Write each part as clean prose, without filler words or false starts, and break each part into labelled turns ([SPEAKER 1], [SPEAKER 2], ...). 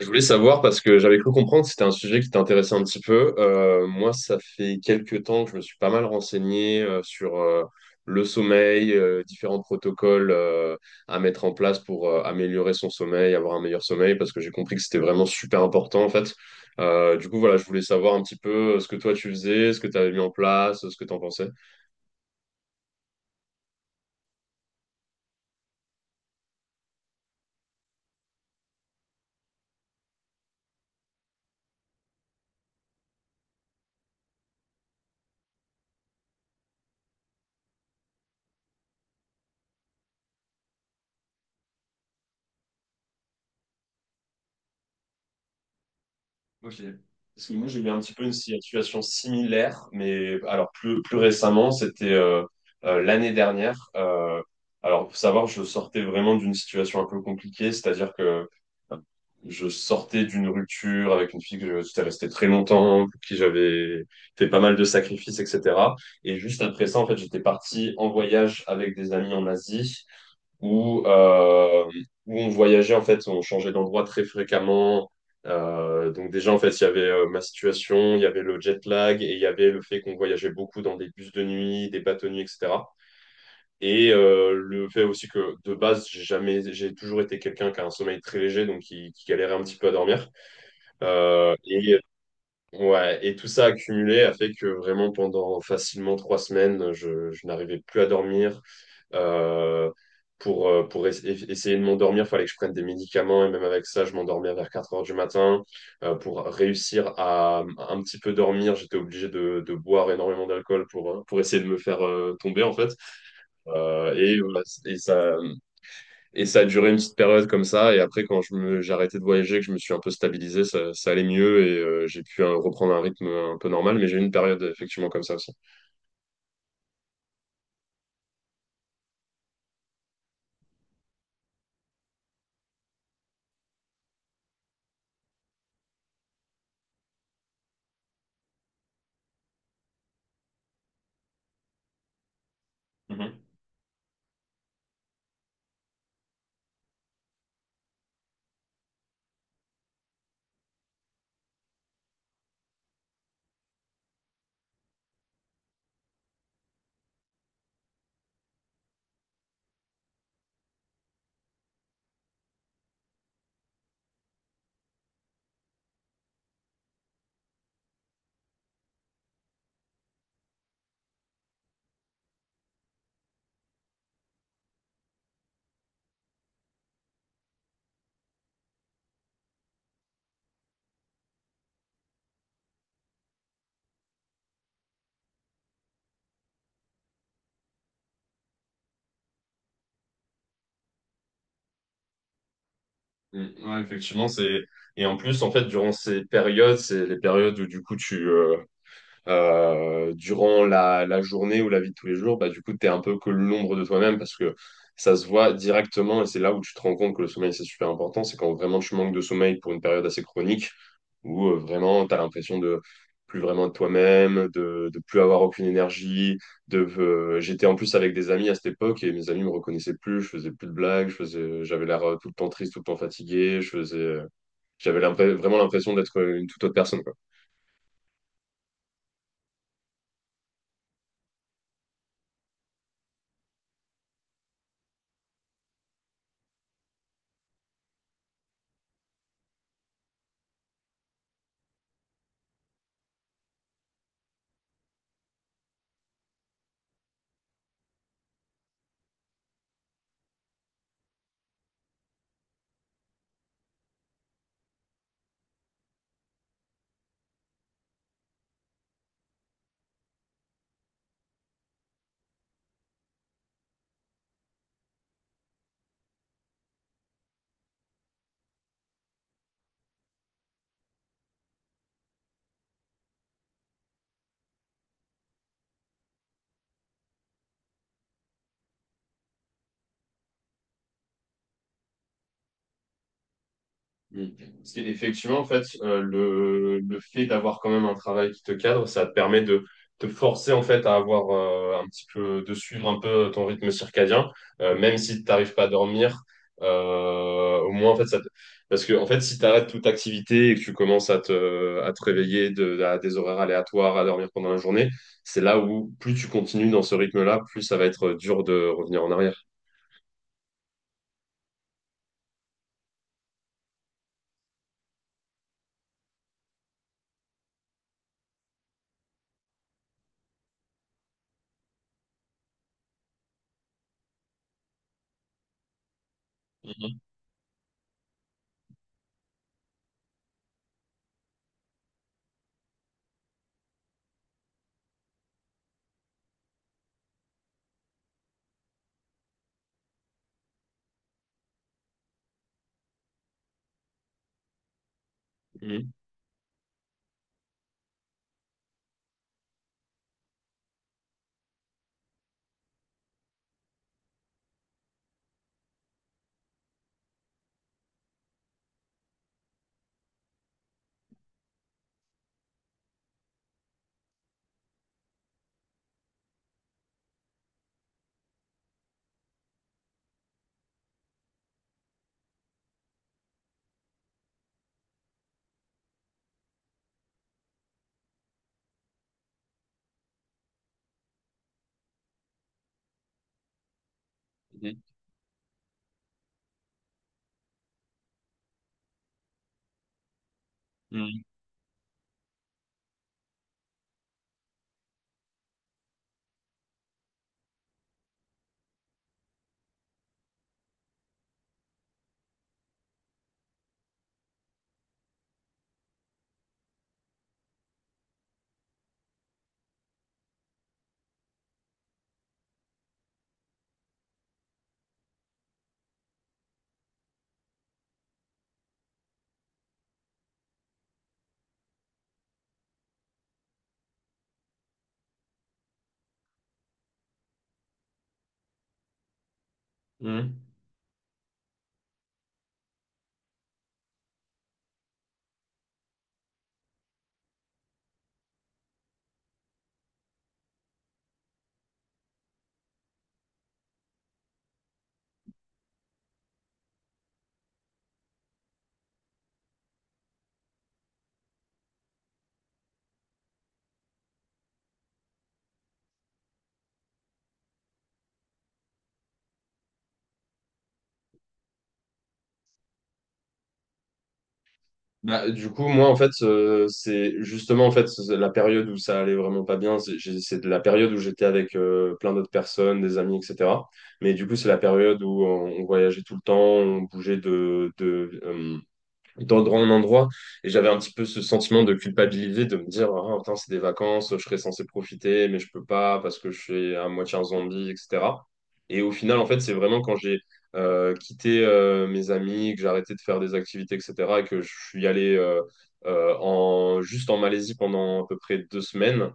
[SPEAKER 1] Je voulais savoir parce que j'avais cru comprendre que c'était un sujet qui t'intéressait un petit peu. Moi, ça fait quelques temps que je me suis pas mal renseigné sur le sommeil, différents protocoles à mettre en place pour améliorer son sommeil, avoir un meilleur sommeil, parce que j'ai compris que c'était vraiment super important en fait. Du coup, voilà, je voulais savoir un petit peu ce que toi tu faisais, ce que tu avais mis en place, ce que t'en pensais. Ok. Parce que moi, j'ai eu un petit peu une situation similaire, mais alors plus récemment, c'était l'année dernière. Alors, pour savoir, je sortais vraiment d'une situation un peu compliquée, c'est-à-dire que euh, je sortais d'une rupture avec une fille j'étais resté très longtemps, pour qui j'avais fait pas mal de sacrifices, etc. Et juste après ça, en fait, j'étais parti en voyage avec des amis en Asie où, euh, où on voyageait, en fait, on changeait d'endroit très fréquemment. Donc déjà, en fait, il y avait ma situation, il y avait le jet lag et il y avait le fait qu'on voyageait beaucoup dans des bus de nuit, des bateaux de nuit, etc. Le fait aussi que de base, j'ai jamais, j'ai toujours été quelqu'un qui a un sommeil très léger, donc qui galérait un petit peu à dormir. Et ouais, et tout ça accumulé a fait que vraiment pendant facilement trois semaines, je n'arrivais plus à dormir. Euh, pour essayer de m'endormir, fallait que je prenne des médicaments et même avec ça, je m'endormais vers 4 heures du matin. Pour réussir à un petit peu dormir, j'étais obligé de boire énormément d'alcool pour essayer de me faire tomber en fait. Voilà, et ça. Et ça a duré une petite période comme ça. Et après, j'ai arrêté de voyager, que je me suis un peu stabilisé, ça allait mieux et j'ai pu reprendre un rythme un peu normal. Mais j'ai eu une période effectivement comme ça aussi. Mhm. Mm. Ouais, effectivement, c'est. Et en plus, en fait, durant ces périodes, c'est les périodes où du coup durant la journée ou la vie de tous les jours, bah, du coup, tu es un peu que l'ombre de toi-même parce que ça se voit directement et c'est là où tu te rends compte que le sommeil, c'est super important. C'est quand vraiment tu manques de sommeil pour une période assez chronique où vraiment tu as l'impression de plus vraiment de toi-même, de plus avoir aucune énergie. J'étais en plus avec des amis à cette époque et mes amis me reconnaissaient plus, je faisais plus de blagues, j'avais l'air tout le temps triste, tout le temps fatigué, je faisais, j'avais l'impr- vraiment l'impression d'être une toute autre personne. Mm. Parce qu'effectivement, en fait, le fait d'avoir quand même un travail qui te cadre, ça te permet de te forcer en fait à avoir un petit peu, de suivre un peu ton rythme circadien, même si tu n'arrives pas à dormir. Au moins, en fait, parce que en fait, si tu arrêtes toute activité et que tu commences à te réveiller à des horaires aléatoires, à dormir pendant la journée, c'est là où plus tu continues dans ce rythme-là, plus ça va être dur de revenir en arrière. Mhm, mhm, mhm, mhm, mhm. Bah, du coup, moi, en fait, c'est justement en fait c'est la période où ça allait vraiment pas bien. C'est de la période où j'étais avec plein d'autres personnes, des amis, etc. Mais du coup, c'est la période où on voyageait tout le temps, on bougeait de, dans le grand endroit. Et j'avais un petit peu ce sentiment de culpabilité de me dire, ah, putain, c'est des vacances, je serais censé profiter, mais je peux pas parce que je suis à moitié un zombie, etc. Et au final, en fait, c'est vraiment quand j'ai quitté mes amis, que j'ai arrêté de faire des activités, etc., et que je suis allé juste en Malaisie pendant à peu près deux semaines,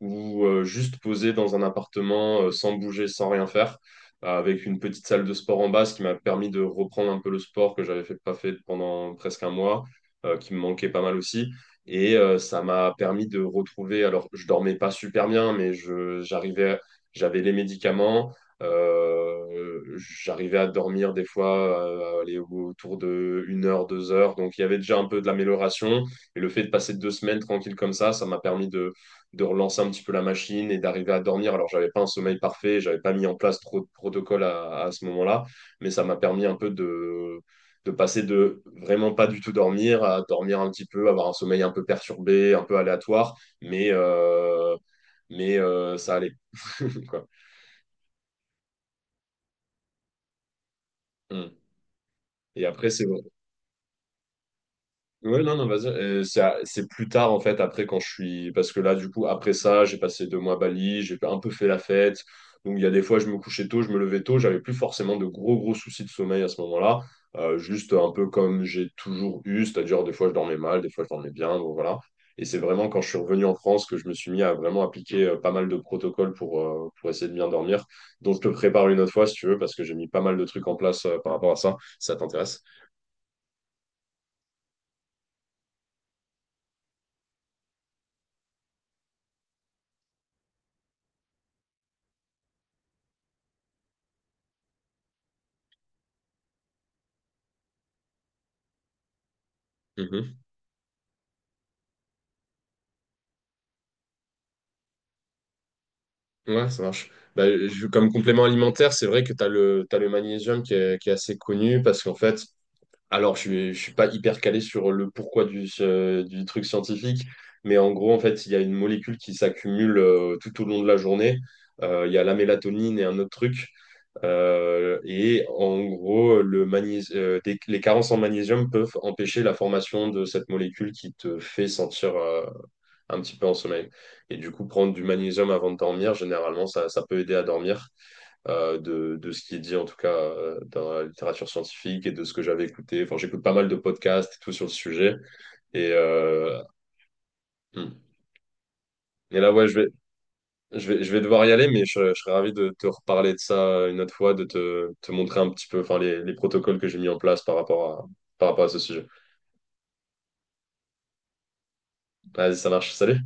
[SPEAKER 1] ou juste posé dans un appartement sans bouger, sans rien faire avec une petite salle de sport en bas, ce qui m'a permis de reprendre un peu le sport que pas fait pendant presque un mois, qui me manquait pas mal aussi. Ça m'a permis de retrouver, alors je dormais pas super bien, j'arrivais, j'avais les médicaments, j'arrivais à dormir des fois aller autour de une heure, 2 heures. Donc il y avait déjà un peu de l'amélioration. Et le fait de passer deux semaines tranquille comme ça m'a permis de relancer un petit peu la machine et d'arriver à dormir. Alors, j'avais pas un sommeil parfait, j'avais pas mis en place trop de protocoles à ce moment-là, mais ça m'a permis un peu de passer de vraiment pas du tout dormir à dormir un petit peu, avoir un sommeil un peu perturbé, un peu aléatoire, mais, euh, mais ça allait. Quoi. Mm. Et après, c'est Ouais, non, non, vas-y. C'est c'est plus tard, en fait, après, quand je suis. Parce que là, du coup, après ça, j'ai passé deux mois à Bali, j'ai un peu fait la fête. Donc, il y a des fois, je me couchais tôt, je me levais tôt, j'avais plus forcément de gros soucis de sommeil à ce moment-là. Juste un peu comme j'ai toujours eu, c'est-à-dire des fois, je dormais mal, des fois, je dormais bien, donc voilà. Et c'est vraiment quand je suis revenu en France que je me suis mis à vraiment appliquer pas mal de protocoles pour essayer de bien dormir. Donc, je te prépare une autre fois, si tu veux, parce que j'ai mis pas mal de trucs en place par rapport à ça. Ça t'intéresse? Ouais, ça marche. Comme complément alimentaire, c'est vrai que t'as le magnésium qui est assez connu parce qu'en fait, alors je suis pas hyper calé sur le pourquoi du truc scientifique, mais en gros, en fait, il y a une molécule qui s'accumule tout au long de la journée. Il y a la mélatonine et un autre truc. Et en gros, les carences en magnésium peuvent empêcher la formation de cette molécule qui te fait sentir, un petit peu en sommeil. Et du coup, prendre du magnésium avant de dormir, généralement, ça peut aider à dormir, de ce qui est dit en tout cas dans la littérature scientifique et de ce que j'avais écouté. Enfin, j'écoute pas mal de podcasts et tout sur le sujet. Et, euh, hmm. Et là, ouais, je vais devoir y aller, mais je serais ravi de te reparler de ça une autre fois, te montrer un petit peu enfin, les protocoles que j'ai mis en place par rapport à ce sujet. Vas-y, ça marche. Salut!